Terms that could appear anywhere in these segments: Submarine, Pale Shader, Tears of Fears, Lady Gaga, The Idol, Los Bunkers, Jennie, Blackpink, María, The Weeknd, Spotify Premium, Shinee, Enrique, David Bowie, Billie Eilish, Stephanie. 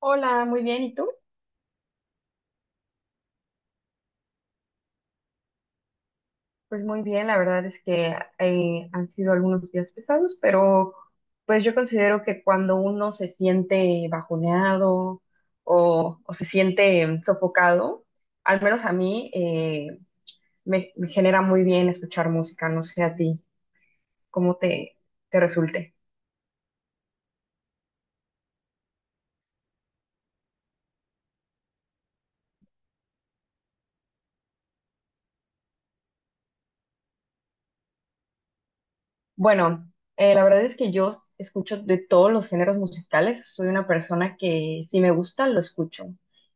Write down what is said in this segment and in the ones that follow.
Hola, muy bien. ¿Y tú? Pues muy bien, la verdad es que han sido algunos días pesados, pero pues yo considero que cuando uno se siente bajoneado o se siente sofocado, al menos a mí, me genera muy bien escuchar música. No sé a ti cómo te resulte. Bueno, la verdad es que yo escucho de todos los géneros musicales. Soy una persona que si me gusta, lo escucho.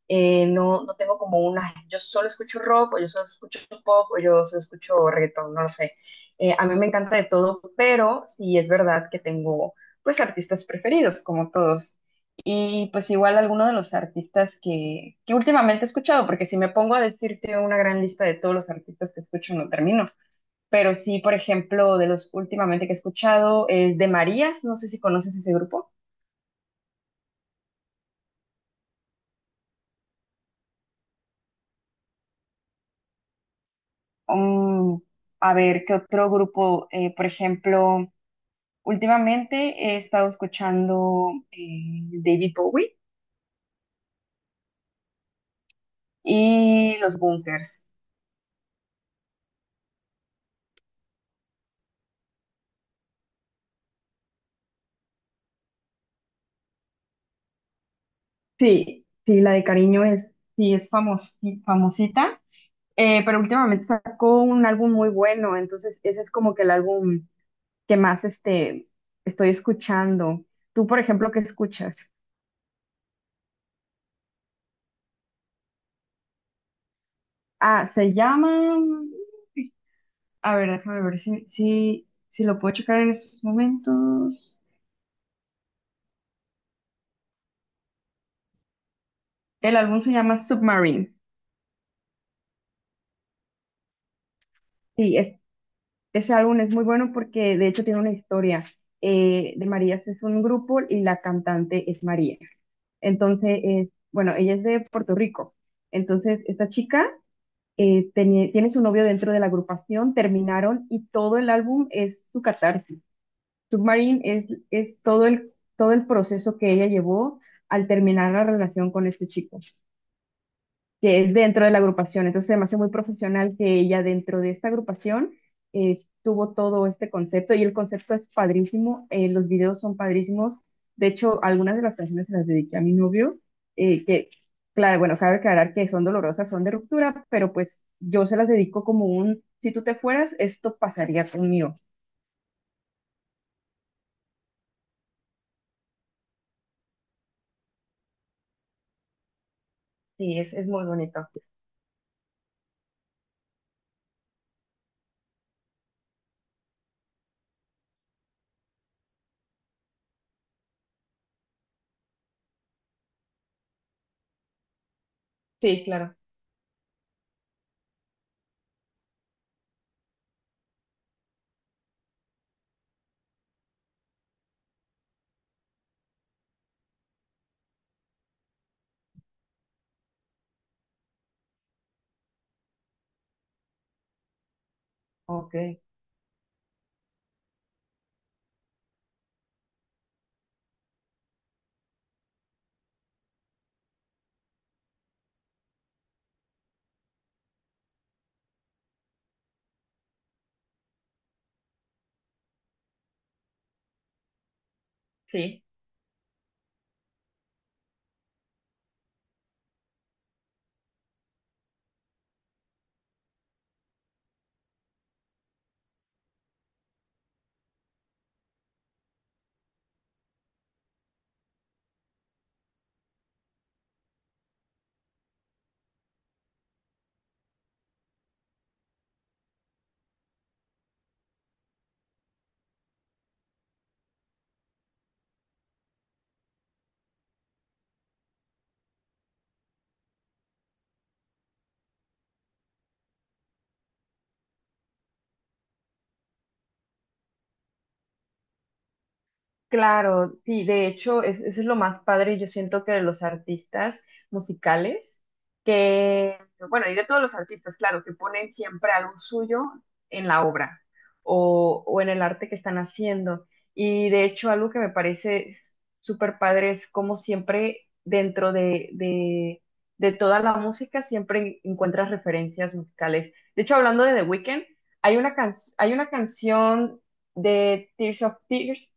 No tengo como una, yo solo escucho rock, o yo solo escucho pop, o yo solo escucho reggaetón, no lo sé. A mí me encanta de todo, pero sí es verdad que tengo pues artistas preferidos, como todos. Y pues igual alguno de los artistas que últimamente he escuchado, porque si me pongo a decirte una gran lista de todos los artistas que escucho, no termino. Pero sí, por ejemplo, de los últimamente que he escuchado es de Marías, no sé si conoces ese grupo. Mm, a ver, ¿qué otro grupo? Por ejemplo, últimamente he estado escuchando David Bowie y Los Bunkers. Sí, sí, la de Cariño es, sí, es famosita, pero últimamente sacó un álbum muy bueno, entonces ese es como que el álbum que más estoy escuchando. ¿Tú, por ejemplo, qué escuchas? Ah, se llama... A ver, déjame ver si lo puedo checar en estos momentos. El álbum se llama Submarine. Sí, es- Ese álbum es muy bueno porque de hecho tiene una historia. De Marías es un grupo y la cantante es María. Entonces, bueno, ella es de Puerto Rico. Entonces, esta chica, tiene su novio dentro de la agrupación, terminaron y todo el álbum es su catarsis. Submarine es todo todo el proceso que ella llevó al terminar la relación con este chico, que es dentro de la agrupación. Entonces, se me hace muy profesional que ella dentro de esta agrupación tuvo todo este concepto, y el concepto es padrísimo, los videos son padrísimos. De hecho, algunas de las canciones se las dediqué a mi novio, eh, que, claro, bueno, cabe aclarar que son dolorosas, son de ruptura, pero pues yo se las dedico como un, si tú te fueras, esto pasaría conmigo. Sí, es muy bonito. Sí, claro. Ok. Sí. Claro, sí, de hecho, eso es lo más padre. Yo siento que de los artistas musicales, que, bueno, y de todos los artistas, claro, que ponen siempre algo suyo en la obra o en el arte que están haciendo. Y de hecho, algo que me parece súper padre es como siempre dentro de toda la música, siempre encuentras referencias musicales. De hecho, hablando de The Weeknd, hay una, hay una canción de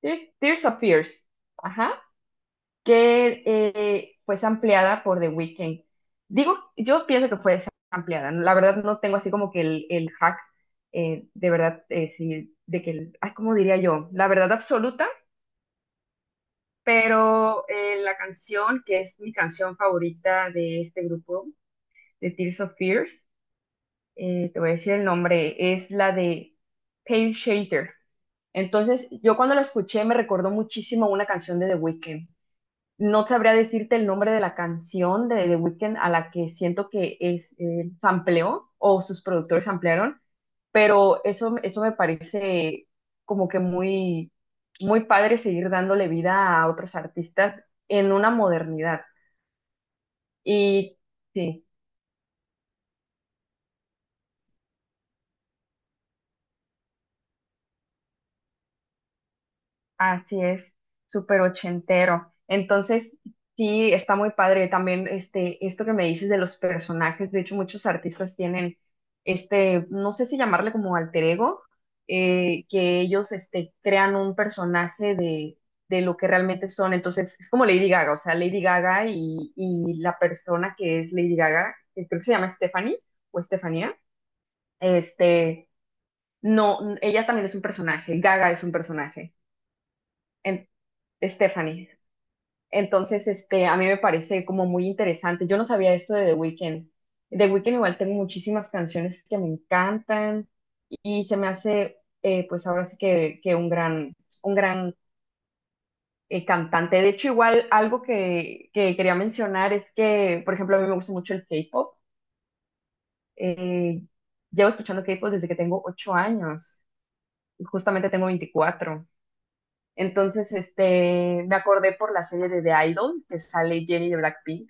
Tears, Tears of Fears, ajá, que pues ampliada por The Weeknd. Digo, yo pienso que fue ampliada, ¿no? La verdad no tengo así como que el hack, de verdad, sí, de que, el- ay, ¿cómo diría yo? La verdad absoluta, pero la canción, que es mi canción favorita de este grupo, de Tears of Fears, te voy a decir el nombre, es la de Pale Shader. Entonces, yo cuando la escuché me recordó muchísimo a una canción de The Weeknd. No sabría decirte el nombre de la canción de The Weeknd a la que siento que es, sampleó o sus productores ampliaron, pero eso me parece como que muy, muy padre seguir dándole vida a otros artistas en una modernidad. Y sí. Así es, súper ochentero. Entonces, sí, está muy padre también esto que me dices de los personajes. De hecho, muchos artistas tienen no sé si llamarle como alter ego, que ellos crean un personaje de lo que realmente son. Entonces, es como Lady Gaga. O sea, Lady Gaga y la persona que es Lady Gaga, que creo que se llama Stephanie o Estefanía, este, no, ella también es un personaje, Gaga es un personaje. En- Stephanie. Entonces, a mí me parece como muy interesante. Yo no sabía esto de The Weeknd. The Weeknd igual tengo muchísimas canciones que me encantan y se me hace, pues ahora sí que un gran, un gran, cantante. De hecho, igual algo que quería mencionar es que, por ejemplo, a mí me gusta mucho el K-pop. Eh, Llevo escuchando K-pop desde que tengo 8 años. Justamente tengo 24. Entonces, me acordé por la serie de The Idol, que sale Jennie de Blackpink.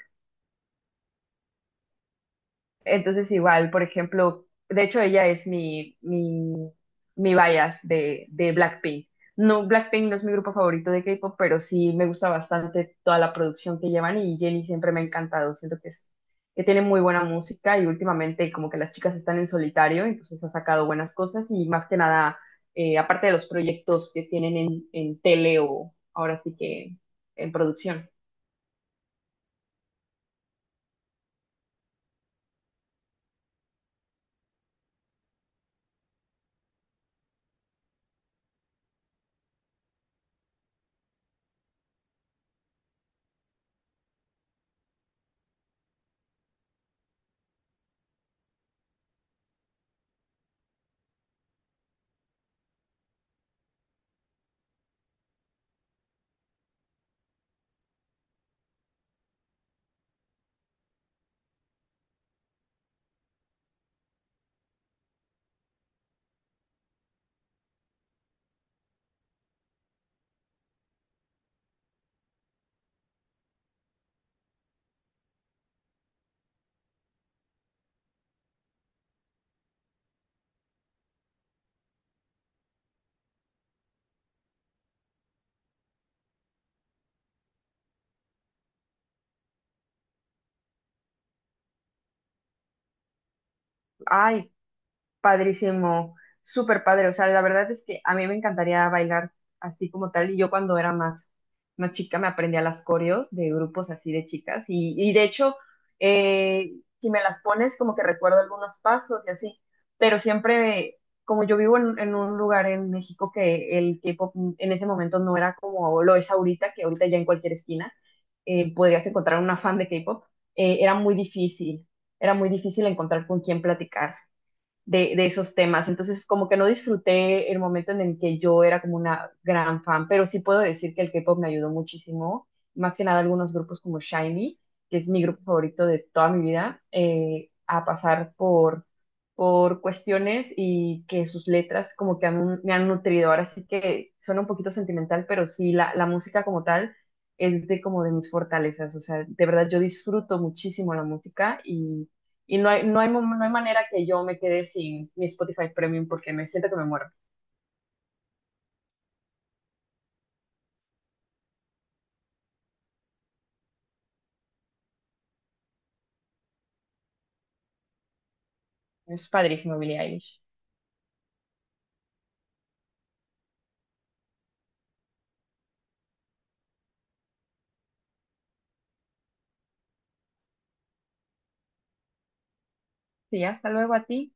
Entonces, igual, por ejemplo, de hecho, ella es mi bias de Blackpink. No, Blackpink no es mi grupo favorito de K-pop, pero sí me gusta bastante toda la producción que llevan, y Jennie siempre me ha encantado. Siento que que tiene muy buena música, y últimamente como que las chicas están en solitario, entonces ha sacado buenas cosas. Y más que nada, aparte de los proyectos que tienen en tele o ahora sí que en producción. Ay, padrísimo, súper padre. O sea, la verdad es que a mí me encantaría bailar así como tal. Y yo cuando era más chica me aprendía las coreos de grupos así de chicas. Y de hecho, eh, si me las pones, como que recuerdo algunos pasos y así. Pero siempre, como yo vivo en un lugar en México, que el K-pop en ese momento no era como lo es ahorita, que ahorita ya en cualquier esquina, podrías encontrar una fan de K-pop, era muy difícil. Era muy difícil encontrar con quién platicar de esos temas. Entonces, como que no disfruté el momento en el que yo era como una gran fan, pero sí puedo decir que el K-pop me ayudó muchísimo, más que nada algunos grupos como Shinee, que es mi grupo favorito de toda mi vida, a pasar por cuestiones, y que sus letras como que me han nutrido. Ahora sí que suena un poquito sentimental, pero sí, la música como tal es de como de mis fortalezas. O sea, de verdad yo disfruto muchísimo la música, y no hay, no hay, no hay manera que yo me quede sin mi Spotify Premium, porque me siento que me muero. Es padrísimo, Billie Eilish. Sí, hasta luego a ti.